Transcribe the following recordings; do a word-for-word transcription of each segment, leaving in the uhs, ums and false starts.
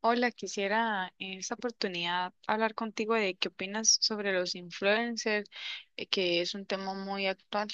Hola, quisiera en esta oportunidad hablar contigo de qué opinas sobre los influencers, eh, que es un tema muy actual.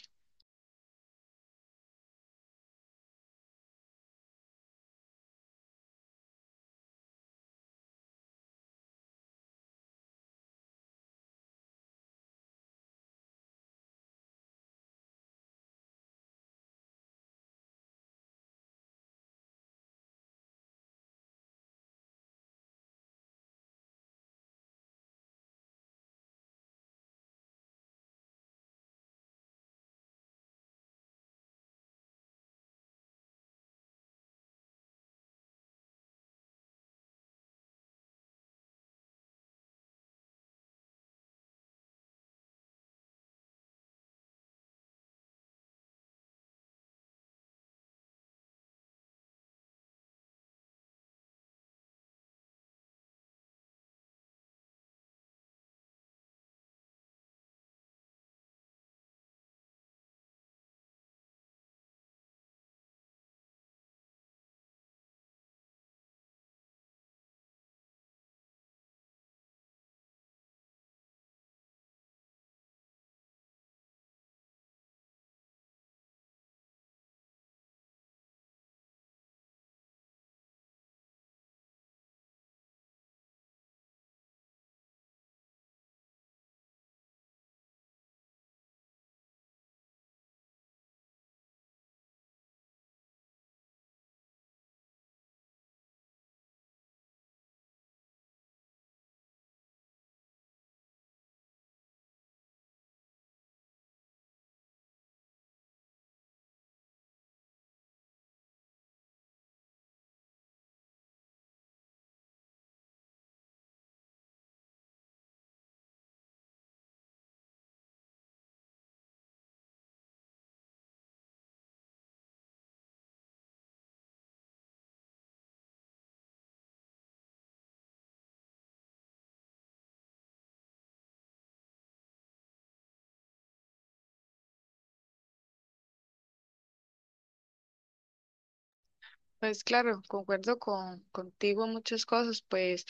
Pues claro, concuerdo con, contigo en muchas cosas, pues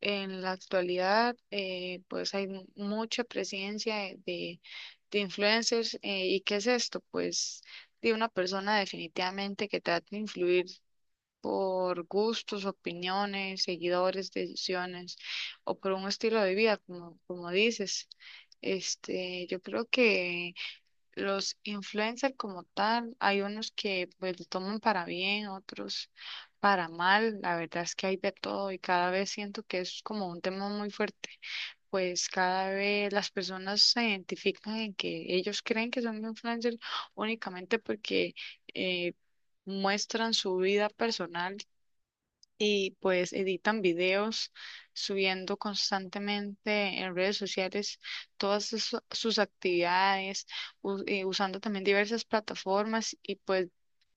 en la actualidad eh, pues hay mu- mucha presencia de, de- de influencers. eh, ¿y qué es esto? Pues de una persona definitivamente que trata de influir por gustos, opiniones, seguidores, decisiones o por un estilo de vida, como, como dices. Este, yo creo que los influencers como tal, hay unos que pues lo toman para bien, otros para mal. La verdad es que hay de todo y cada vez siento que es como un tema muy fuerte. Pues cada vez las personas se identifican en que ellos creen que son influencers únicamente porque eh, muestran su vida personal y pues editan videos subiendo constantemente en redes sociales todas sus, sus actividades, u- eh, usando también diversas plataformas y pues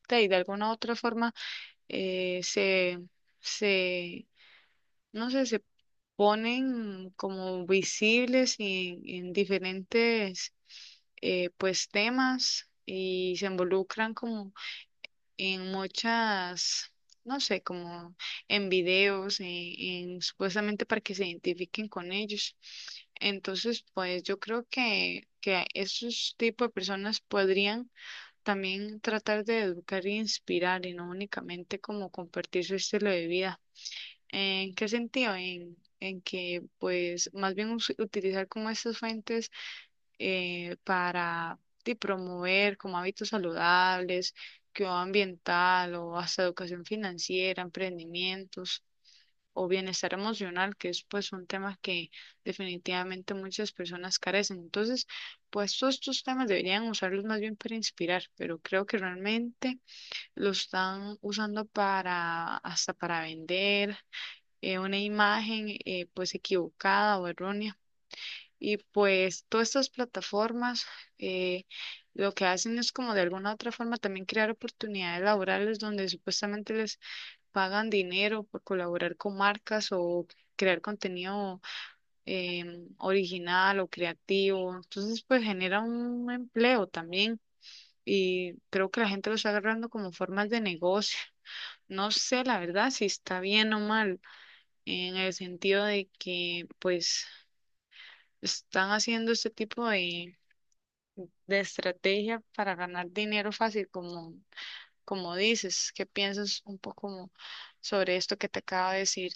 de, ahí, de alguna u otra forma eh, se, se, no sé, se ponen como visibles en, en diferentes eh, pues temas y se involucran como en muchas, no sé, como en videos, en, en supuestamente para que se identifiquen con ellos. Entonces, pues yo creo que, que esos tipos de personas podrían también tratar de educar e inspirar y no únicamente como compartir su estilo de vida. ¿En qué sentido? En, en que pues más bien us- utilizar como estas fuentes eh, para de promover como hábitos saludables, cuidado ambiental o hasta educación financiera, emprendimientos o bienestar emocional, que es pues un tema que definitivamente muchas personas carecen. Entonces, pues todos estos temas deberían usarlos más bien para inspirar, pero creo que realmente lo están usando para hasta para vender eh, una imagen eh, pues equivocada o errónea. Y pues todas estas plataformas eh, lo que hacen es como de alguna u otra forma también crear oportunidades laborales donde supuestamente les pagan dinero por colaborar con marcas o crear contenido em, original o creativo. Entonces pues genera un empleo también y creo que la gente lo está agarrando como formas de negocio. No sé la verdad si está bien o mal en el sentido de que pues están haciendo este tipo de de estrategia para ganar dinero fácil, como, como dices, ¿qué piensas un poco como sobre esto que te acabo de decir?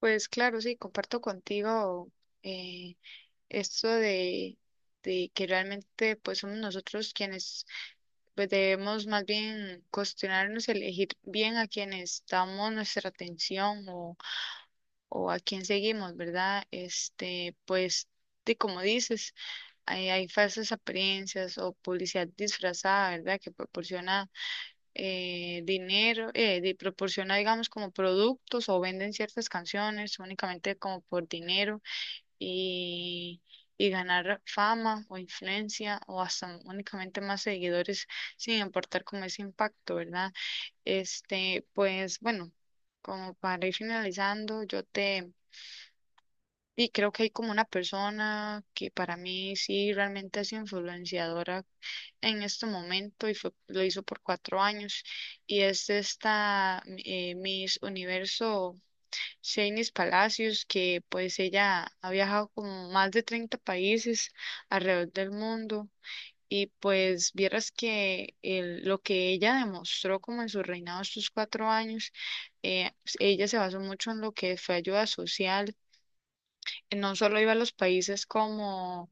Pues claro, sí, comparto contigo eh, esto de, de que realmente pues somos nosotros quienes pues debemos más bien cuestionarnos, elegir bien a quienes damos nuestra atención o a quién seguimos, ¿verdad? Este, pues, de como dices, hay, hay falsas apariencias o publicidad disfrazada, ¿verdad? Que proporciona eh, dinero, eh, di- proporciona, digamos, como productos o venden ciertas canciones únicamente como por dinero y, y ganar fama o influencia o hasta únicamente más seguidores sin importar como ese impacto, ¿verdad? Este, pues, bueno. Como para ir finalizando, yo te, y creo que hay como una persona que para mí sí realmente es influenciadora en este momento y fue, lo hizo por cuatro años. Y es esta eh, Miss Universo Shanice Palacios, que pues ella ha viajado como más de treinta países alrededor del mundo. Y pues vieras que el- lo que ella demostró como en su reinado estos cuatro años, eh, ella se basó mucho en lo que fue ayuda social, eh, no solo iba a los países como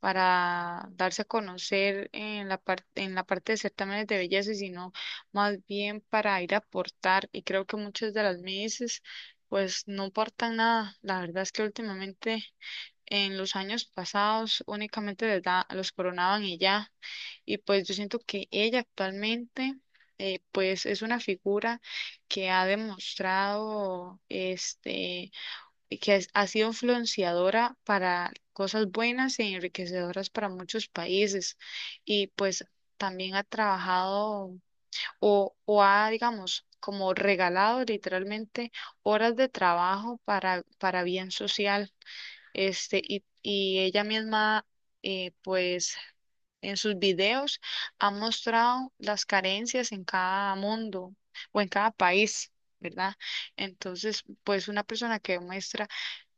para darse a conocer en la parte en la parte de certámenes de belleza, sino más bien para ir a aportar. Y creo que muchas de las Misses pues no aportan nada. La verdad es que últimamente en los años pasados únicamente les da- los coronaban y ya. Y pues yo siento que ella actualmente eh, pues es una figura que ha demostrado este que has- ha sido influenciadora para cosas buenas e enriquecedoras para muchos países y pues también ha trabajado o, o ha, digamos, como regalado literalmente horas de trabajo para, para bien social, este, y, y ella misma, eh, pues, en sus videos ha mostrado las carencias en cada mundo o en cada país, ¿verdad? Entonces, pues, una persona que muestra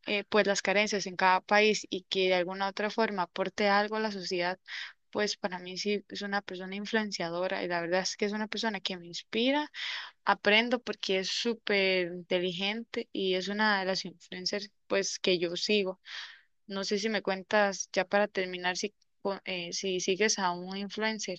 eh, pues las carencias en cada país y que de alguna u otra forma aporte algo a la sociedad, pues para mí sí es una persona influenciadora y la verdad es que es una persona que me inspira, aprendo porque es súper inteligente y es una de las influencers pues que yo sigo. No sé si me cuentas ya para terminar si, co- eh, si sigues a un influencer.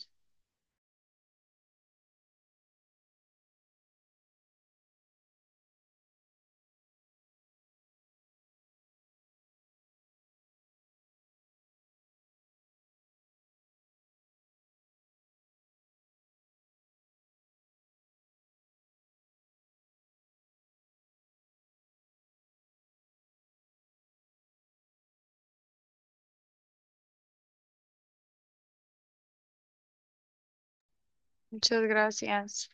Muchas gracias.